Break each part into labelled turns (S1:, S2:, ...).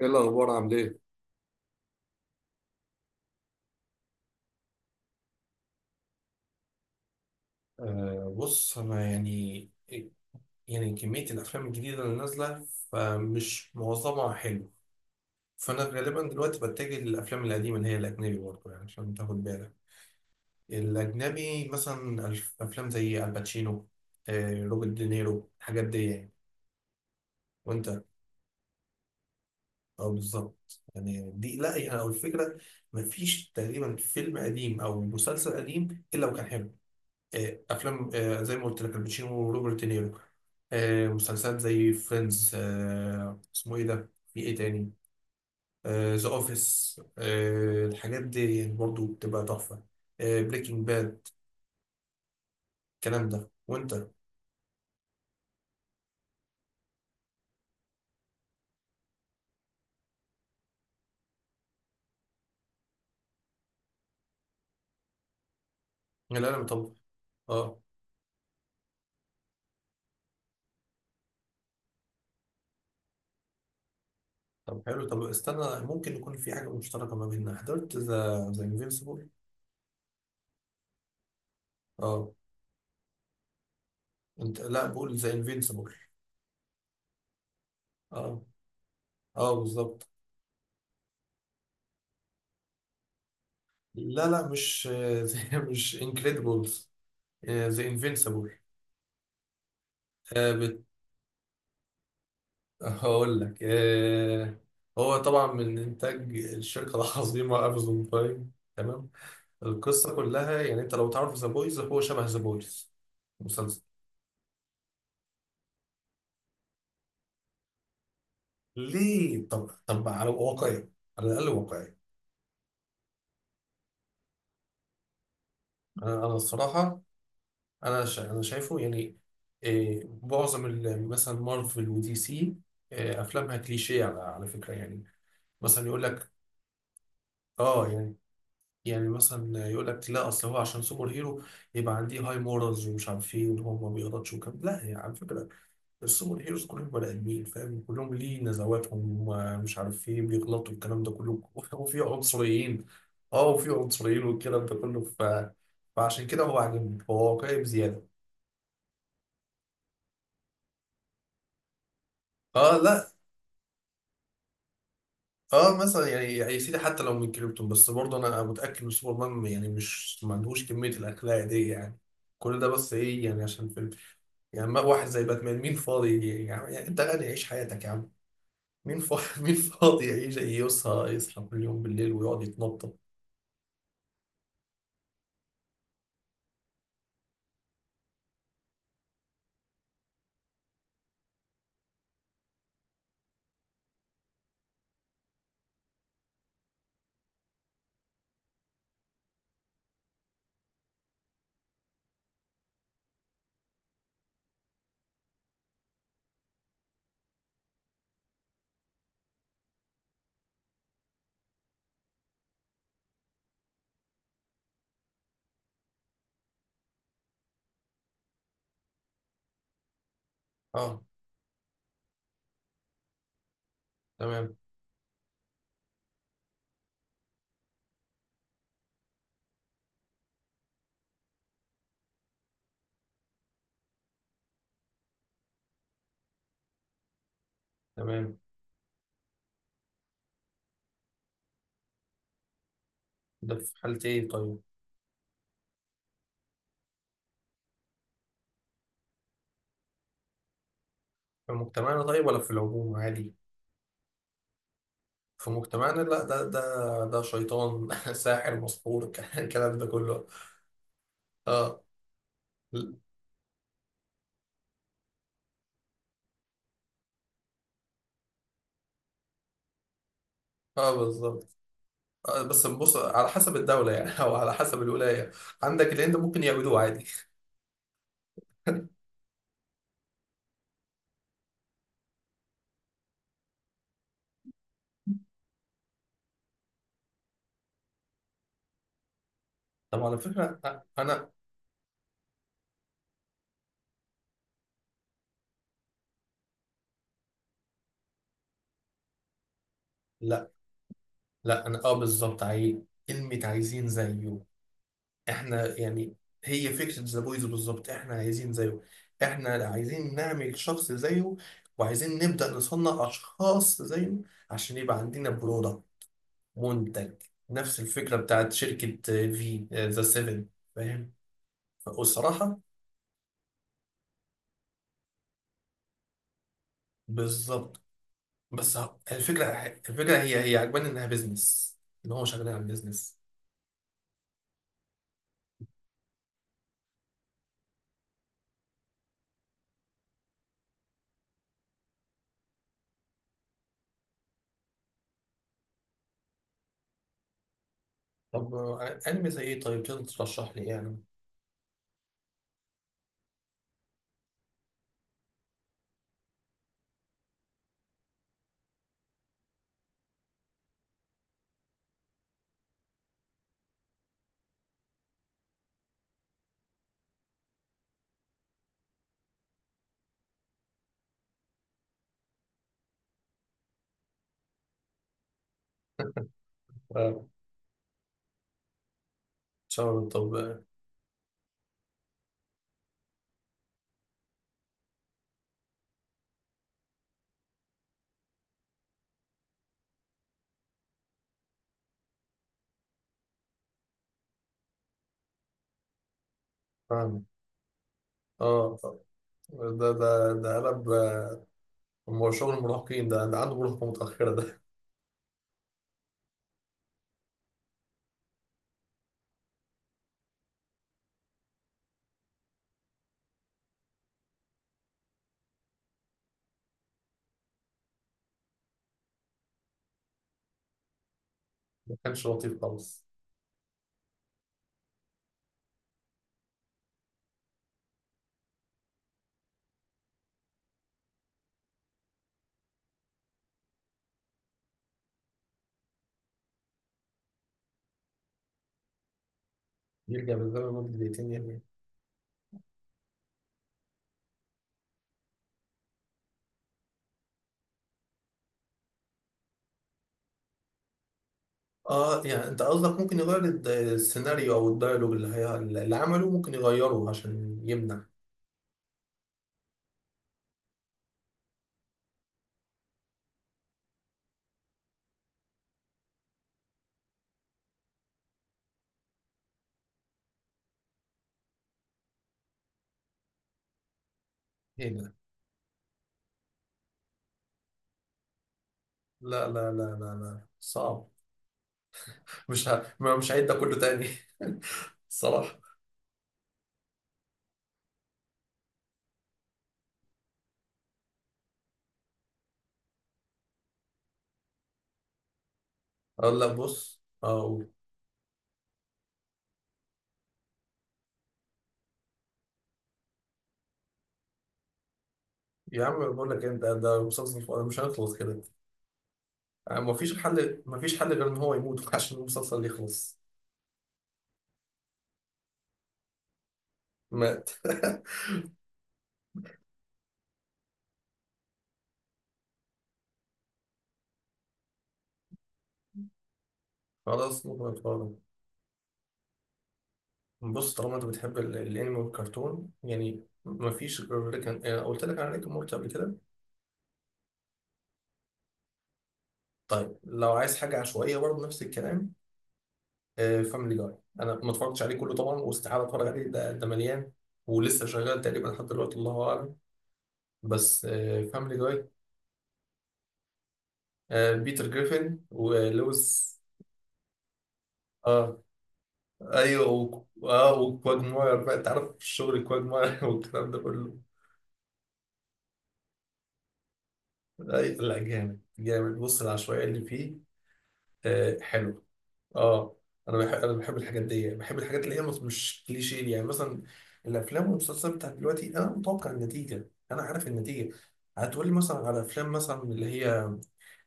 S1: ايه الاخبار؟ عامل ايه؟ بص، أنا يعني كمية الأفلام الجديدة اللي نازلة، فمش معظمها حلو. فأنا غالبا دلوقتي بتجه للأفلام القديمة اللي هي الأجنبي برضه يعني عشان تاخد بالك. الأجنبي مثلا أفلام زي الباتشينو، روبرت دينيرو، الحاجات دي يعني. وأنت؟ أه بالظبط يعني دي، لا يعني أو الفكرة، مفيش تقريبا فيلم قديم أو مسلسل قديم إلا وكان حلو. افلام زي ما قلت لك الباتشينو وروبرت دينيرو، مسلسلات زي فريندز، اسمه ايه ده، في ايه تاني، ذا اوفيس، الحاجات دي يعني برضو بتبقى تحفه. بريكنج باد، الكلام ده. وانت؟ لا، لا طب. اه، طب حلو، طب استنى، ممكن يكون في حاجه مشتركه ما بيننا. حضرت ذا انفينسيبل؟ اه، انت، لا، بقول ذا انفينسيبل. اه اه بالظبط. لا لا مش مش انكريدبلز. ذا انفينسيبل. هقول لك هو طبعا من انتاج الشركه العظيمه امازون برايم، تمام؟ القصه كلها يعني انت لو تعرف ذا بويز، هو شبه ذا بويز. مسلسل. ليه؟ طب، طب على واقعي، على الاقل واقعي. انا الصراحه، انا شايفه يعني معظم مثلا مارفل ودي سي، افلامها كليشيه، على فكره يعني. مثلا يقول لك، اه يعني، يعني مثلا يقول لك، لا اصل هو عشان سوبر هيرو يبقى عندي هاي مورالز، ومش عارف ايه، وان هو ما بيغلطش وكده. لا، هي على فكره السوبر هيروز كلهم بني ادمين، فاهم؟ كلهم ليه نزواتهم ومش عارف ايه، بيغلطوا، الكلام ده كله وفي عنصريين. اه، وفي عنصريين والكلام ده كله فعشان كده هو عاجبني، هو واقعي بزياده. اه، لا. اه، مثلا يعني يا سيدي حتى لو من كريبتون، بس برضه انا متاكد ان سوبرمان يعني مش ما عندهوش كميه الاخلاق دي يعني. كل ده بس ايه يعني؟ عشان فيلم. يعني واحد زي باتمان، مين فاضي يجي يعني انت غني، عيش حياتك يا عم. مين فاضي مين فاضي يعيش يصحى، يصحى كل يوم بالليل ويقعد يتنطط؟ اه، تمام. تمام. ده في حالة ايه طيب؟ في مجتمعنا طيب، ولا في العموم عادي؟ في مجتمعنا لا، ده شيطان ساحر، مسحور الكلام ده كله. اه، اه بالظبط. بس بص، على حسب الدولة يعني او على حسب الولاية. عندك الهند ممكن يعملوه عادي طب على فكرة، أنا، لا لا انا اه بالظبط عايز كلمة عايزين زيه. احنا يعني، هي فكرة ذا بويز بالظبط. احنا عايزين زيه، احنا عايزين نعمل شخص زيه، وعايزين نبدأ نصنع اشخاص زيه عشان يبقى عندنا برودكت، منتج. نفس الفكرة بتاعت شركة في ذا سيفن، فاهم؟ والصراحة، بالظبط. بس الفكرة، الفكرة هي عجباني انها بيزنس، ان هو شغالين على بيزنس. طب انمي زي ايه طيب، تقدر ترشح لي يعني؟ آه، شغل. طب، فاهم. اه طب. ده ده قلب هو شغل المراهقين، ده عنده مراهقة متأخرة ده. ما كانش لطيف خالص. يرجع بالزمن لمدة دقيقتين يعني؟ اه يعني انت قصدك ممكن يغير السيناريو او الدايلوج اللي هي اللي عمله، ممكن يغيره عشان يمنع؟ ايه ده؟ لا لا لا لا لا صعب مش ه... ما- مش هعيد ده كله تاني الصراحة، اقول لك بص، قول. يا عم بقول لك انت، ده مسلسل، مش هنخلص كده. مفيش حل، مفيش حل غير ان هو يموت عشان المسلسل يخلص. مات. خلاص ممكن اتفرج. بص، طالما انت بتحب الانمي والكرتون يعني مفيش غير ريك قلت لك على ريك أند مورتي قبل كده. طيب لو عايز حاجه عشوائيه برضه نفس الكلام. فاميلي جاي، انا ما اتفرجتش عليه كله طبعا، واستحاله اتفرج عليه، ده مليان، ولسه شغال تقريبا لحد دلوقتي، الله اعلم. بس، فاميلي جاي، بيتر جريفن ولويس. اه، ايوه و... اه وكواجماير بقى، انت عارف الشغل كواجماير والكلام ده كله. ايوه، لا جامد جامد، بص العشوائيه اللي فيه. حلو. اه. انا بحب الحاجات دي، بحب الحاجات اللي هي مش كليشيه يعني. مثلا الافلام والمسلسلات بتاعت دلوقتي، انا متوقع النتيجه، انا عارف النتيجه. هتقول لي مثلا على افلام مثلا اللي هي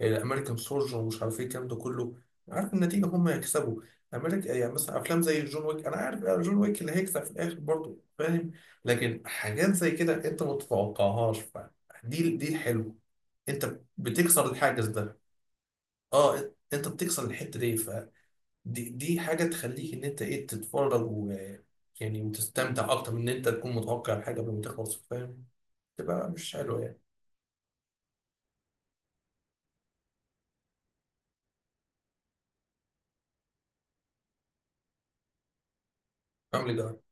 S1: الامريكان سولجر، ومش عارف ايه الكلام ده كله، عارف النتيجه، هم يكسبوا امريكا يعني. مثلا افلام زي جون ويك، انا عارف جون ويك اللي هيكسب في الاخر برضه، فاهم؟ لكن حاجات زي كده انت ما تتوقعهاش، فدي دي الحلو. انت بتكسر الحاجز ده. اه، انت بتكسر الحته دي، فدي دي حاجه تخليك ان انت ايه، تتفرج، و يعني وتستمتع اكتر من ان انت تكون متوقع الحاجه قبل ما تخلص، فاهم؟ تبقى مش حلوه يعني. عامل ايه ده؟